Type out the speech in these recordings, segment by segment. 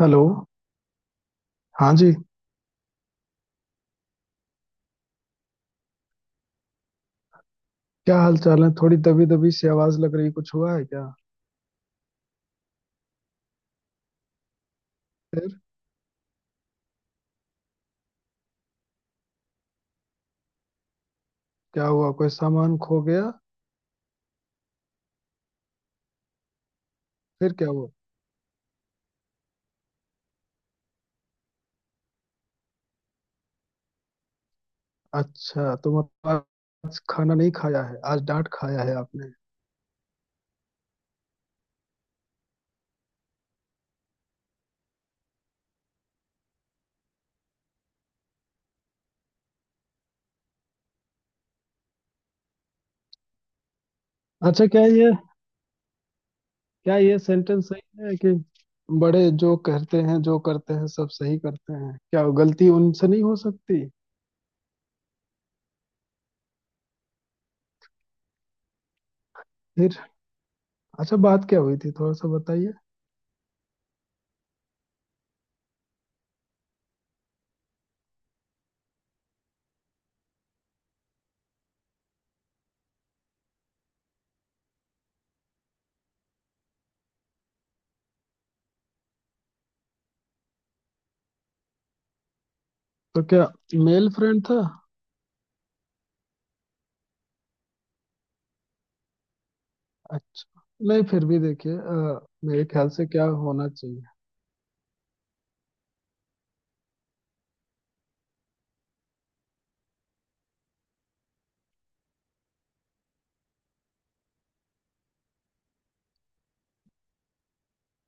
Hello. हाँ जी। क्या हाल चाल है? थोड़ी दबी दबी सी आवाज लग रही, कुछ हुआ है क्या? फिर क्या हुआ? कोई सामान खो गया? फिर क्या हुआ? अच्छा, तो मतलब आज खाना नहीं खाया है, आज डांट खाया है आपने? अच्छा। क्या ये सेंटेंस सही है कि बड़े जो कहते हैं जो करते हैं सब सही करते हैं? क्या गलती उनसे नहीं हो सकती? फिर अच्छा, बात क्या हुई थी, थोड़ा सा बताइए। तो क्या मेल फ्रेंड था? अच्छा, नहीं, फिर भी देखिए मेरे ख्याल से क्या होना चाहिए।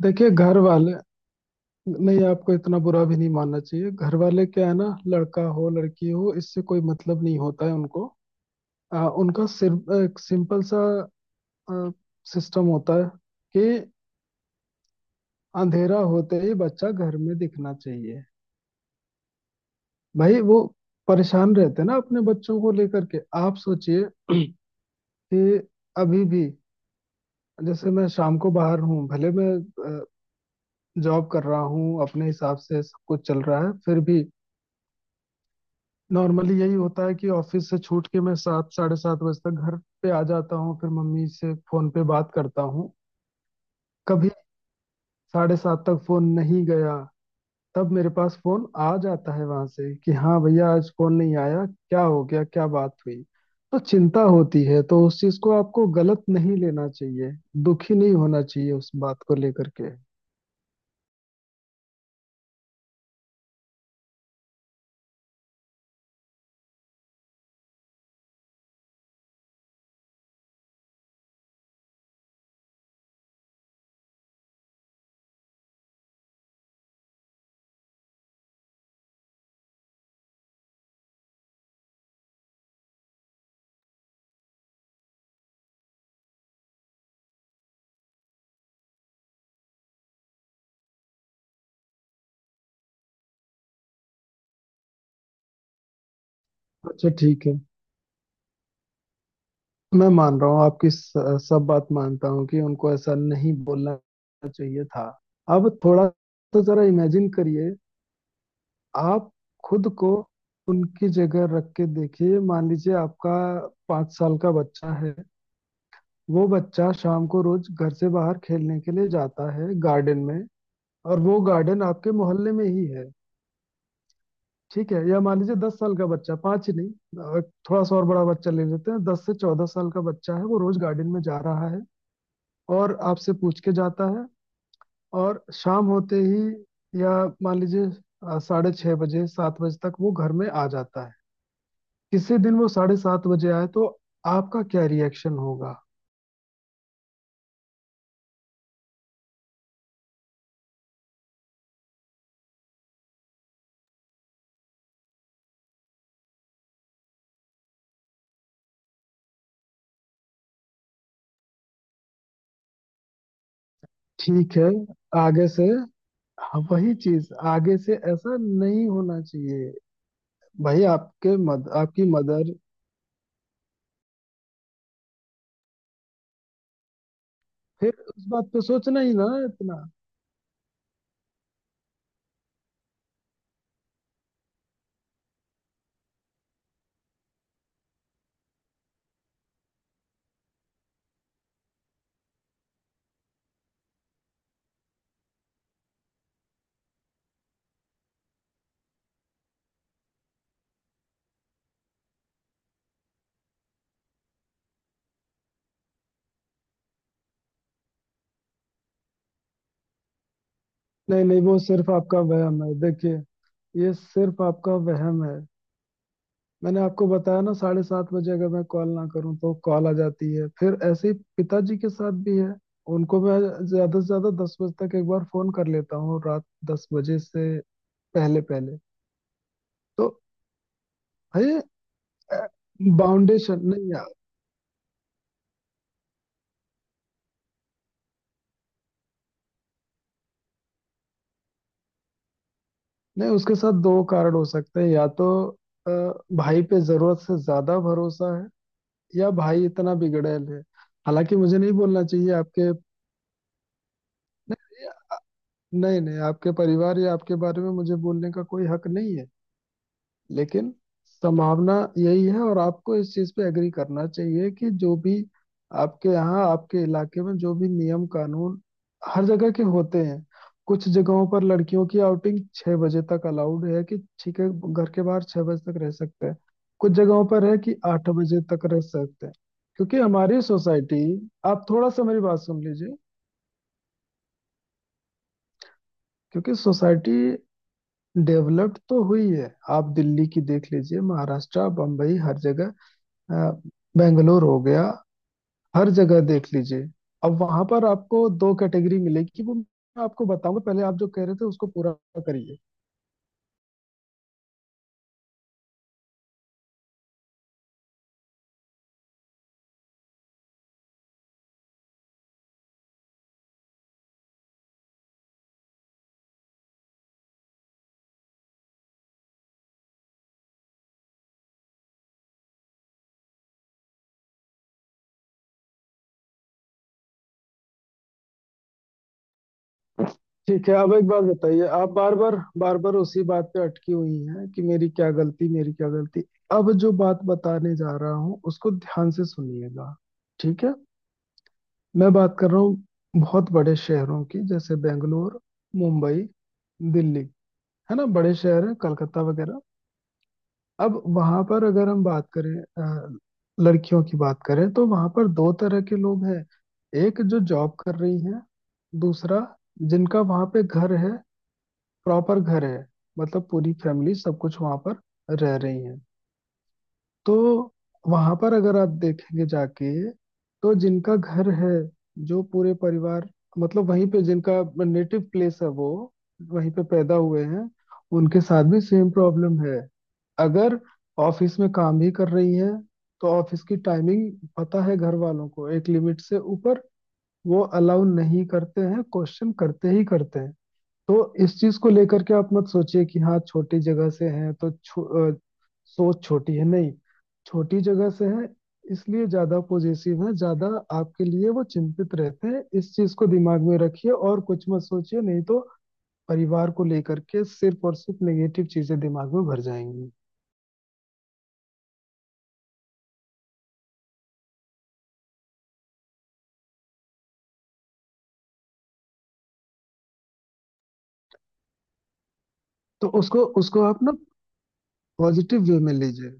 देखिए घर वाले, नहीं आपको इतना बुरा भी नहीं मानना चाहिए। घर वाले क्या है ना, लड़का हो लड़की हो इससे कोई मतलब नहीं होता है उनको। उनका सिर्फ एक सिंपल सा सिस्टम होता है कि अंधेरा होते ही बच्चा घर में दिखना चाहिए। भाई वो परेशान रहते हैं ना अपने बच्चों को लेकर के। आप सोचिए कि अभी भी जैसे मैं शाम को बाहर हूँ, भले मैं जॉब कर रहा हूँ, अपने हिसाब से सब कुछ चल रहा है, फिर भी नॉर्मली यही होता है कि ऑफिस से छूट के मैं 7 – 7:30 बजे तक घर पे आ जाता हूँ, फिर मम्मी से फोन पे बात करता हूँ। कभी 7:30 तक फोन नहीं गया, तब मेरे पास फोन आ जाता है वहां से कि हाँ भैया आज फोन नहीं आया, क्या हो गया, क्या बात हुई। तो चिंता होती है, तो उस चीज को आपको गलत नहीं लेना चाहिए, दुखी नहीं होना चाहिए उस बात को लेकर के। अच्छा ठीक है, मैं मान रहा हूँ आपकी सब बात मानता हूँ कि उनको ऐसा नहीं बोलना चाहिए था। अब थोड़ा तो जरा इमेजिन करिए, आप खुद को उनकी जगह रख के देखिए। मान लीजिए आपका 5 साल का बच्चा है, वो बच्चा शाम को रोज घर से बाहर खेलने के लिए जाता है गार्डन में, और वो गार्डन आपके मोहल्ले में ही है। ठीक है? या मान लीजिए 10 साल का बच्चा, पाँच ही नहीं, अ, थोड़ा सा और बड़ा बच्चा ले लेते हैं। 10 से 14 साल का बच्चा है, वो रोज गार्डन में जा रहा है और आपसे पूछ के जाता है, और शाम होते ही या मान लीजिए 6:30 बजे 7 बजे तक वो घर में आ जाता है। किसी दिन वो 7:30 बजे आए, तो आपका क्या रिएक्शन होगा? ठीक है आगे से, हाँ, वही चीज, आगे से ऐसा नहीं होना चाहिए। भाई आपके मद आपकी मदर, फिर उस बात पे सोचना ही ना इतना। नहीं नहीं, वो सिर्फ आपका वहम है, देखिए। ये सिर्फ आपका वहम है। मैंने आपको बताया ना, 7:30 बजे अगर मैं कॉल ना करूं तो कॉल आ जाती है। फिर ऐसे ही पिताजी के साथ भी है। उनको मैं ज्यादा से ज्यादा 10 बजे तक एक बार फोन कर लेता हूँ, रात 10 बजे से पहले पहले। तो है बाउंडेशन, नहीं यार। नहीं, उसके साथ दो कारण हो सकते हैं, या तो अ, भाई पे जरूरत से ज्यादा भरोसा है, या भाई इतना बिगड़ैल है। हालांकि मुझे नहीं बोलना चाहिए आपके, नहीं नहीं, आपके परिवार या आपके बारे में मुझे बोलने का कोई हक नहीं है, लेकिन संभावना यही है। और आपको इस चीज पे एग्री करना चाहिए कि जो भी आपके यहाँ, आपके इलाके में जो भी नियम कानून, हर जगह के होते हैं। कुछ जगहों पर लड़कियों की आउटिंग 6 बजे तक अलाउड है कि ठीक है घर के बाहर 6 बजे तक रह सकते हैं, कुछ जगहों पर है कि 8 बजे तक रह सकते हैं। क्योंकि हमारी सोसाइटी, आप थोड़ा सा मेरी बात सुन लीजिए, क्योंकि सोसाइटी डेवलप्ड तो हुई है, आप दिल्ली की देख लीजिए, महाराष्ट्र, बम्बई, हर जगह, अ, बेंगलोर हो गया, हर जगह देख लीजिए। अब वहां पर आपको दो कैटेगरी मिलेगी, वो मैं आपको बताऊंगा, पहले आप जो कह रहे थे उसको पूरा करिए। ठीक है अब एक बात बताइए, आप बार बार बार बार उसी बात पे अटकी हुई हैं कि मेरी क्या गलती, मेरी क्या गलती। अब जो बात बताने जा रहा हूँ उसको ध्यान से सुनिएगा, ठीक है? मैं बात कर रहा हूँ बहुत बड़े शहरों की, जैसे बेंगलोर, मुंबई, दिल्ली, है ना, बड़े शहर हैं, कलकत्ता वगैरह। अब वहां पर अगर हम बात करें, अ, लड़कियों की बात करें, तो वहां पर दो तरह के लोग हैं, एक जो जॉब कर रही है, दूसरा जिनका वहां पे घर है, प्रॉपर घर है, मतलब पूरी फैमिली सब कुछ वहां पर रह रही है। तो वहां पर अगर आप देखेंगे जाके, तो जिनका घर है, जो पूरे परिवार, मतलब वहीं पे जिनका नेटिव प्लेस है, वो वहीं पे पैदा हुए हैं, उनके साथ भी सेम प्रॉब्लम है। अगर ऑफिस में काम भी कर रही है, तो ऑफिस की टाइमिंग पता है घर वालों को, एक लिमिट से ऊपर वो अलाउ नहीं करते हैं, क्वेश्चन करते ही करते हैं। तो इस चीज को लेकर के आप मत सोचिए कि हाँ छोटी जगह से है तो अ, सोच छोटी है, नहीं, छोटी जगह से है इसलिए ज्यादा पॉजिटिव है, ज्यादा आपके लिए वो चिंतित रहते हैं। इस चीज को दिमाग में रखिए और कुछ मत सोचिए, नहीं तो परिवार को लेकर के सिर्फ और सिर्फ नेगेटिव चीजें दिमाग में भर जाएंगी। तो उसको उसको आप ना पॉजिटिव वे में लीजिए।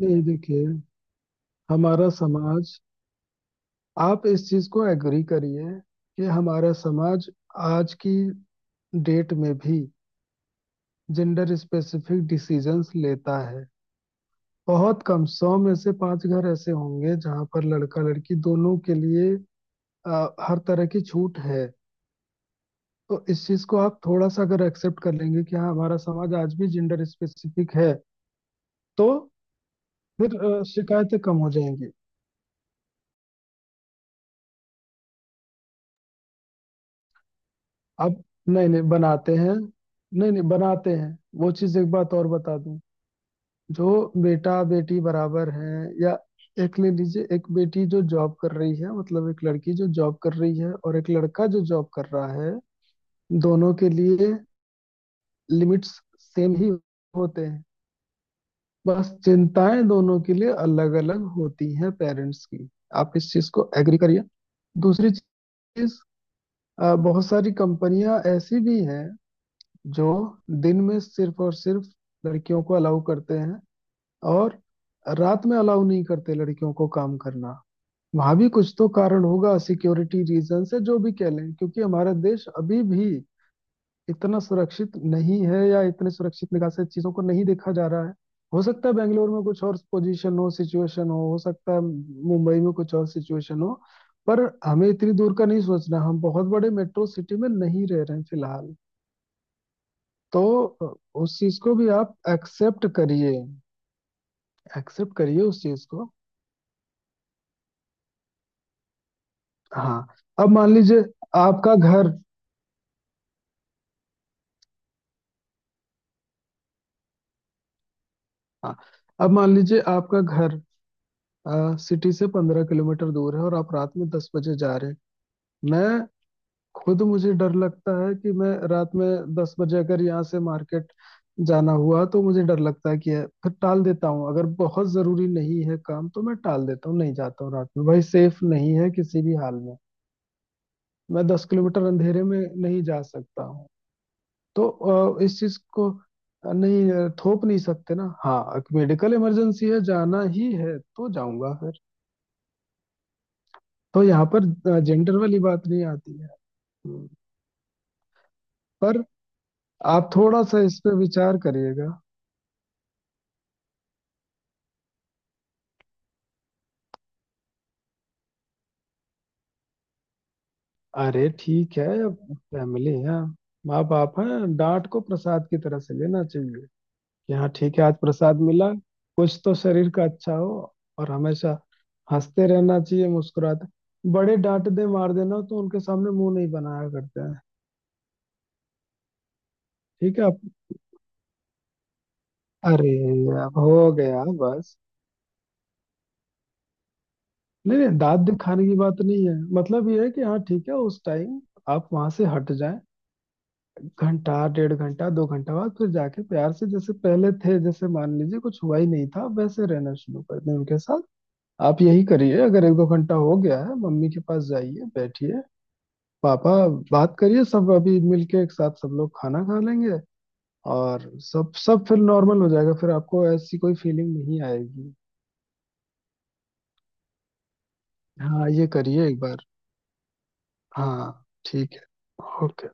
नहीं देखिए, हमारा समाज, आप इस चीज को एग्री करिए कि हमारा समाज आज की डेट में भी जेंडर स्पेसिफिक डिसीजंस लेता है। बहुत कम, 100 में से 5 घर ऐसे होंगे जहां पर लड़का लड़की दोनों के लिए हर तरह की छूट है। तो इस चीज को आप थोड़ा सा अगर एक्सेप्ट कर लेंगे कि हाँ, हमारा समाज आज भी जेंडर स्पेसिफिक है, तो फिर शिकायतें कम हो जाएंगी। अब नहीं नहीं बनाते हैं, वो चीज। एक बात और बता दूं, जो बेटा बेटी बराबर हैं, या एक ले लीजिए, एक बेटी जो जॉब कर रही है, मतलब एक लड़की जो जॉब कर रही है और एक लड़का जो जॉब कर रहा है, दोनों के लिए लिमिट्स सेम ही होते हैं। बस चिंताएं दोनों के लिए अलग अलग होती हैं पेरेंट्स की। आप इस चीज को एग्री करिए। दूसरी चीज, बहुत सारी कंपनियां ऐसी भी हैं जो दिन में सिर्फ और सिर्फ लड़कियों को अलाउ करते हैं और रात में अलाउ नहीं करते लड़कियों को काम करना। वहां भी कुछ तो कारण होगा, सिक्योरिटी रीजन से जो भी कह लें, क्योंकि हमारा देश अभी भी इतना सुरक्षित नहीं है, या इतने सुरक्षित निगाह से चीजों को नहीं देखा जा रहा है। हो सकता है बेंगलोर में कुछ और पोजीशन हो, सिचुएशन हो सकता है मुंबई में कुछ और सिचुएशन हो, पर हमें इतनी दूर का नहीं सोचना, हम बहुत बड़े मेट्रो सिटी में नहीं रह रहे हैं फिलहाल। तो उस चीज को भी आप एक्सेप्ट करिए, एक्सेप्ट करिए उस चीज को। हाँ। अब मान लीजिए आपका घर हाँ अब मान लीजिए आपका घर सिटी से 15 किलोमीटर दूर है और आप रात में 10 बजे जा रहे हैं। मैं, खुद मुझे डर लगता है कि मैं रात में 10 बजे अगर यहाँ से मार्केट जाना हुआ, तो मुझे डर लगता है कि है, फिर टाल देता हूँ, अगर बहुत जरूरी नहीं है काम तो मैं टाल देता हूँ, नहीं जाता हूँ रात में, भाई सेफ नहीं है किसी भी हाल में। मैं 10 किलोमीटर अंधेरे में नहीं जा सकता। तो इस चीज को थोप नहीं सकते ना। हाँ मेडिकल इमरजेंसी है, जाना ही है तो जाऊंगा फिर। तो यहाँ पर जेंडर वाली बात नहीं आती है। हम्म। पर आप थोड़ा सा इस पे विचार करिएगा। अरे ठीक है, फैमिली है, माँ बाप हैं, डांट को प्रसाद की तरह से लेना चाहिए कि हाँ ठीक है आज प्रसाद मिला, कुछ तो शरीर का अच्छा हो। और हमेशा हंसते रहना चाहिए, मुस्कुराते। बड़े डांट दे मार देना तो उनके सामने मुंह नहीं बनाया करते हैं। ठीक है आप, अरे, अब हो गया बस। नहीं नहीं, दांत दिखाने की बात नहीं है, मतलब ये है कि हाँ ठीक है, उस टाइम आप वहां से हट जाएं, घंटा 1.5 घंटा 2 घंटा बाद फिर जाके प्यार से, जैसे पहले थे, जैसे मान लीजिए कुछ हुआ ही नहीं था, वैसे रहना शुरू कर दें उनके साथ। आप यही करिए, अगर 1 – 2 घंटा हो गया है, मम्मी के पास जाइए, बैठिए, पापा, बात करिए, सब अभी मिलके एक साथ सब लोग खाना खा लेंगे, और सब सब फिर नॉर्मल हो जाएगा, फिर आपको ऐसी कोई फीलिंग नहीं आएगी। हाँ ये करिए एक बार। हाँ ठीक है। ओके।